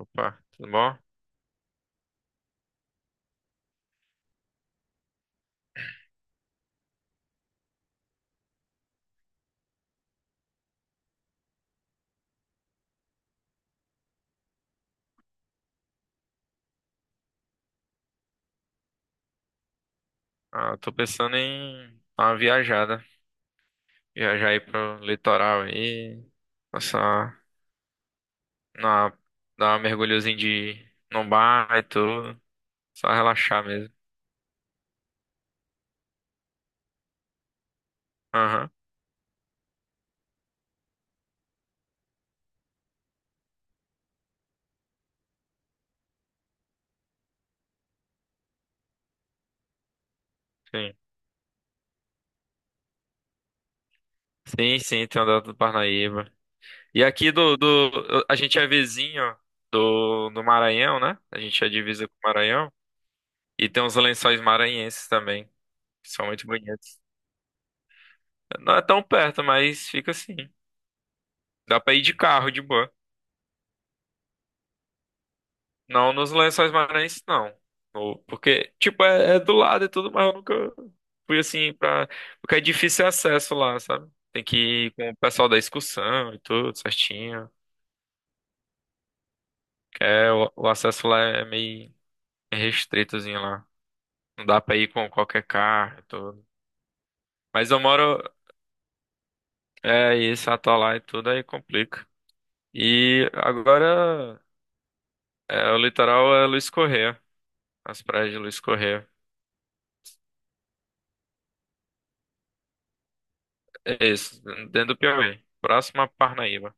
Opa, tudo bom? Ah, tô pensando em dar uma viajada. Viajar aí pro litoral aí, passar na, dar uma mergulhozinha de num bar e tudo. Só relaxar mesmo. Aham, sim. Sim, sim, tem andado do Parnaíba. E aqui do. A gente é vizinho do Maranhão, né? A gente é divisa com o Maranhão. E tem uns lençóis maranhenses também, que são muito bonitos. Não é tão perto, mas fica assim. Dá pra ir de carro de boa. Não nos Lençóis Maranhenses, não. Porque, tipo, é do lado e tudo, mas eu nunca fui assim pra. Porque é difícil acesso lá, sabe? Tem que ir com o pessoal da excursão e tudo, certinho. Que é, o acesso lá é meio restritozinho lá. Não dá pra ir com qualquer carro e tudo. Mas eu moro. É isso, atolar e tudo, aí complica. E agora é, o litoral é Luiz Correia. As praias de Luiz Correia. É isso, dentro do Piauí. Próximo a Parnaíba.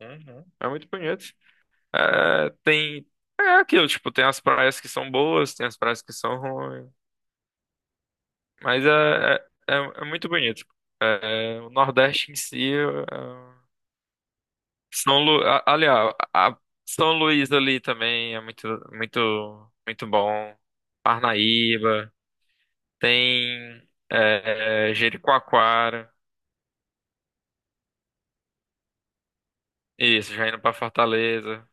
Uhum. É muito bonito. É, tem. É aquilo, tipo, tem as praias que são boas, tem as praias que são ruins. Mas é muito bonito. É, o Nordeste em si. É, São Lu... a- Aliás, a- São Luís ali também é muito bom. Parnaíba. Tem. Jericoacoara. Isso, já indo pra Fortaleza.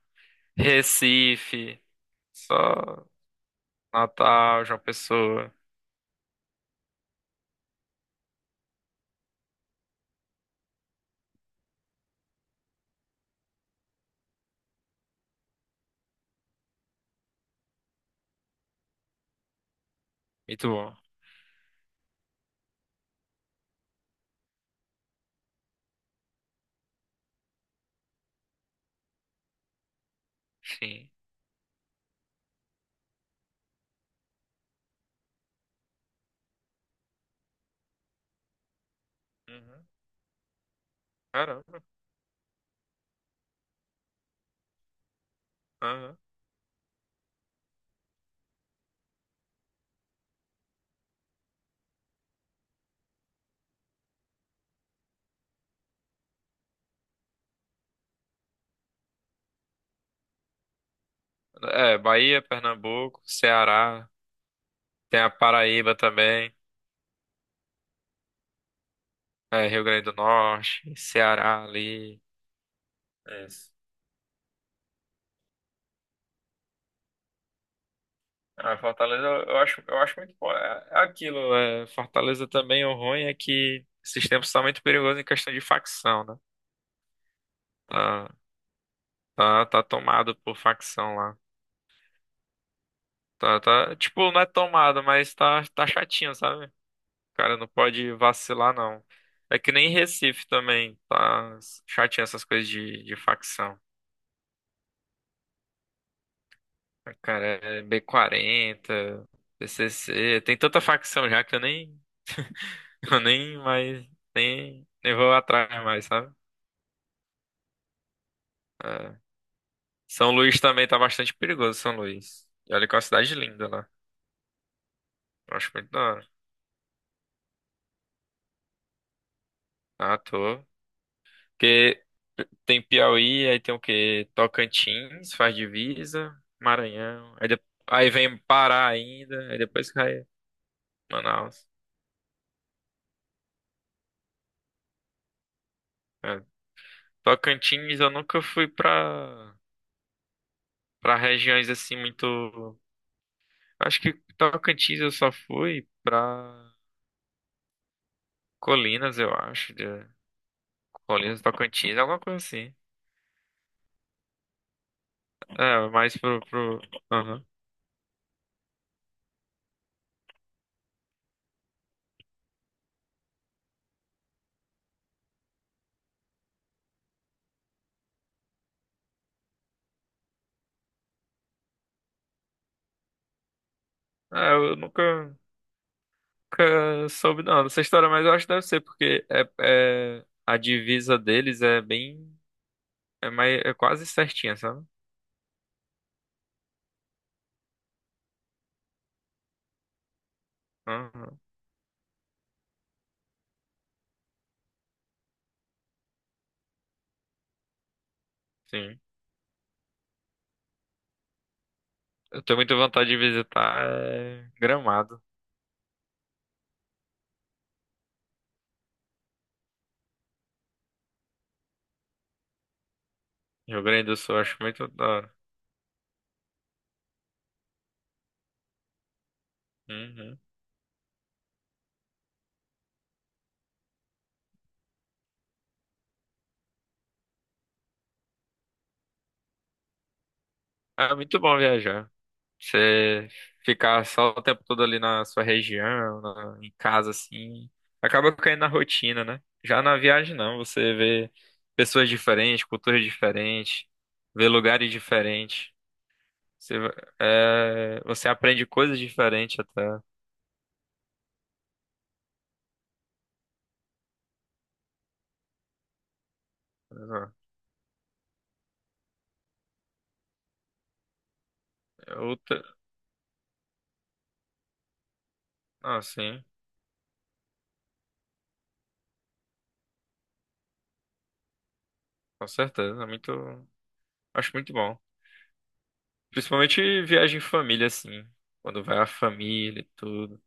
Recife. Só Natal, João Pessoa. Muito bom. Sim. Uhum. Caramba. Aham. É, Bahia, Pernambuco, Ceará, tem a Paraíba também, é, Rio Grande do Norte, Ceará ali. Isso. A Fortaleza, eu acho muito bom. É aquilo, é, Fortaleza também, o ruim é que esses tempos estão muito perigosos em questão de facção, né? Tá, tá, tomado por facção lá. Tá, tipo, não é tomado, mas tá chatinho, sabe? Cara, não pode vacilar, não. É que nem Recife também, tá chatinho essas coisas de facção. Ah, cara, é B40, PCC, tem tanta facção já que eu nem, eu nem mais, nem, nem vou atrás mais, sabe? É. São Luís também tá bastante perigoso, São Luís. E olha que é uma cidade linda lá. Eu acho muito da hora. Ah, tô. Porque tem Piauí, aí tem o quê? Tocantins, faz divisa, Maranhão, aí vem Pará ainda, aí depois cai Manaus. É. Tocantins eu nunca fui pra regiões assim muito. Acho que Tocantins eu só fui pra Colinas, eu acho. De... Colinas, Tocantins, alguma coisa assim. É, mais pro... Aham. É, eu nunca. Nunca soube não, dessa história, mas eu acho que deve ser, porque a divisa deles é bem. É, mais, é quase certinha, sabe? Uhum, sim. Eu tenho muita vontade de visitar é, Gramado, Rio Grande do Sul, acho muito da hora. Uhum. É muito bom viajar. Você ficar só o tempo todo ali na sua região, em casa, assim, acaba caindo na rotina, né? Já na viagem, não, você vê pessoas diferentes, culturas diferentes, vê lugares diferentes. Você, va- você aprende coisas diferentes até. Né? É outra, ah, sim, com certeza. É muito, acho muito bom. Principalmente viagem em família, assim. Quando vai a família e tudo.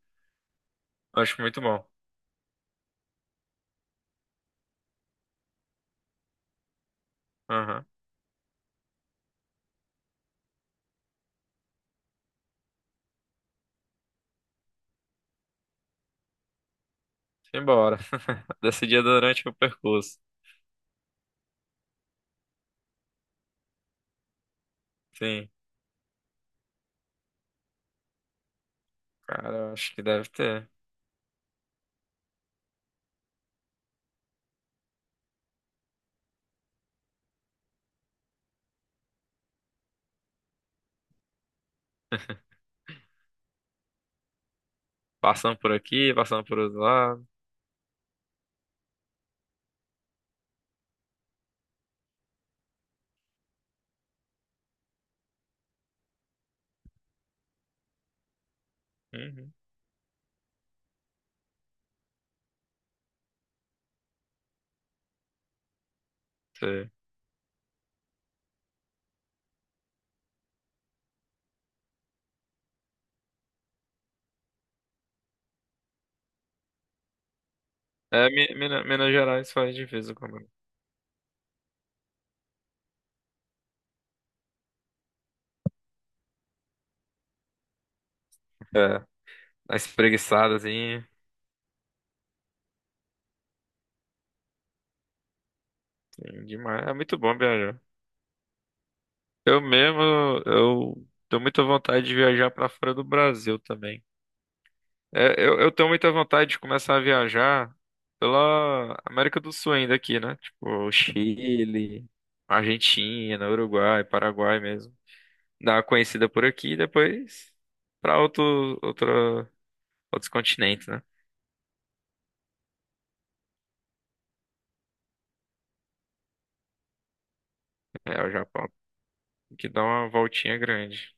Acho muito bom. Aham. Simbora. Decidia durante o percurso. Sim. Cara, eu acho que deve ter. Passando por aqui, passando por outro lado. Uhum. Sim. É, Minas Gerais faz difícil comigo. É. As espreguiçadas, assim. Sim, demais. É muito bom viajar. Eu mesmo, eu tenho muita vontade de viajar para fora do Brasil também. Eu tenho muita vontade de começar a viajar pela América do Sul ainda aqui, né? Tipo, Chile, Argentina, Uruguai, Paraguai mesmo. Dar uma conhecida por aqui e depois para outros continentes, né? É, o Japão, que dá uma voltinha grande.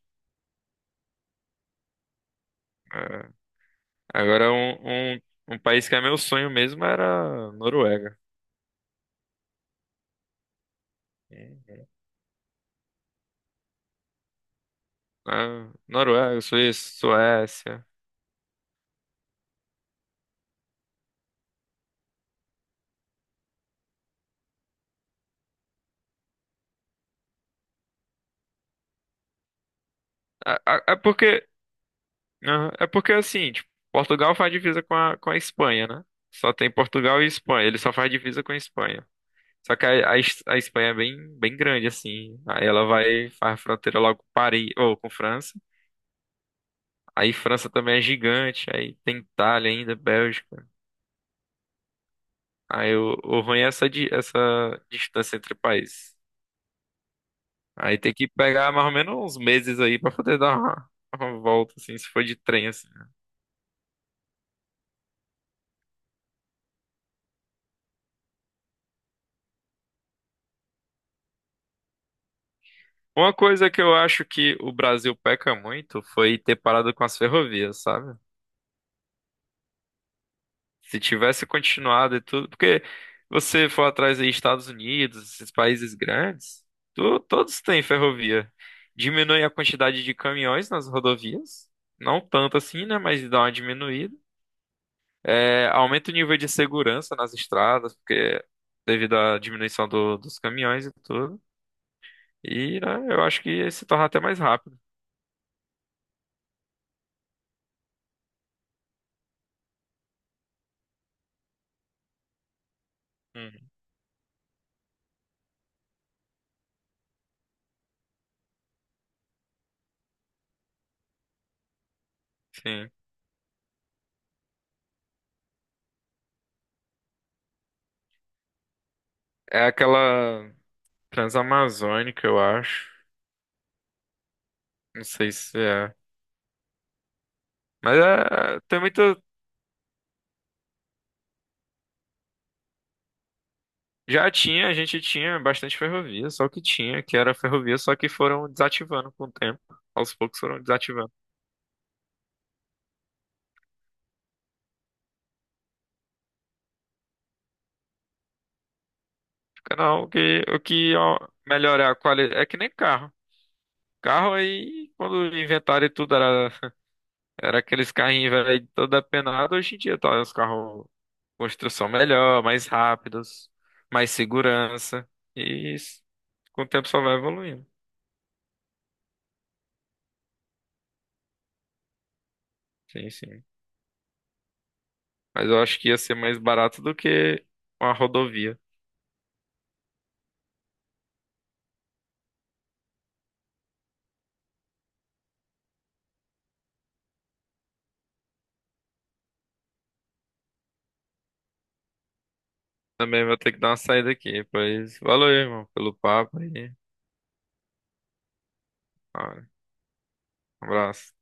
É. Agora, um país que é meu sonho mesmo era a Noruega. Né? Noruega, Suíça, Suécia. É, é porque, aham, é porque assim, tipo, Portugal faz divisa com a Espanha, né? Só tem Portugal e Espanha, ele só faz divisa com a Espanha. Só que a Espanha é bem grande, assim. Aí ela vai, faz fronteira logo com Paris, ou com França. Aí França também é gigante, aí tem Itália ainda, Bélgica. Aí o ruim é essa distância entre países. Aí tem que pegar mais ou menos uns meses aí pra poder dar uma volta, assim, se for de trem, assim. Uma coisa que eu acho que o Brasil peca muito foi ter parado com as ferrovias, sabe? Se tivesse continuado e tudo, porque você for atrás aí Estados Unidos, esses países grandes, todos têm ferrovia. Diminui a quantidade de caminhões nas rodovias, não tanto assim, né? Mas dá uma diminuída. É, aumenta o nível de segurança nas estradas, porque devido à diminuição dos caminhões e tudo. E, né, eu acho que se torna até mais rápido. Uhum. Sim. É aquela. Transamazônica, eu acho. Não sei se é. Mas é, tem muito. Já tinha, a gente tinha bastante ferrovia, só que tinha, que era ferrovia, só que foram desativando com o tempo. Aos poucos foram desativando. Fica, não, o que ó, melhorar a qualidade. É que nem carro. Carro aí, quando inventaram e tudo, era aqueles carrinhos velho, todo apenado. Hoje em dia tá os carros com construção melhor, mais rápidos, mais segurança. E isso, com o tempo só vai evoluindo. Sim, sim. Mas eu acho que ia ser mais barato do que uma rodovia. Também vou ter que dar uma saída aqui, pois valeu, irmão, pelo papo aí. Ah, um abraço.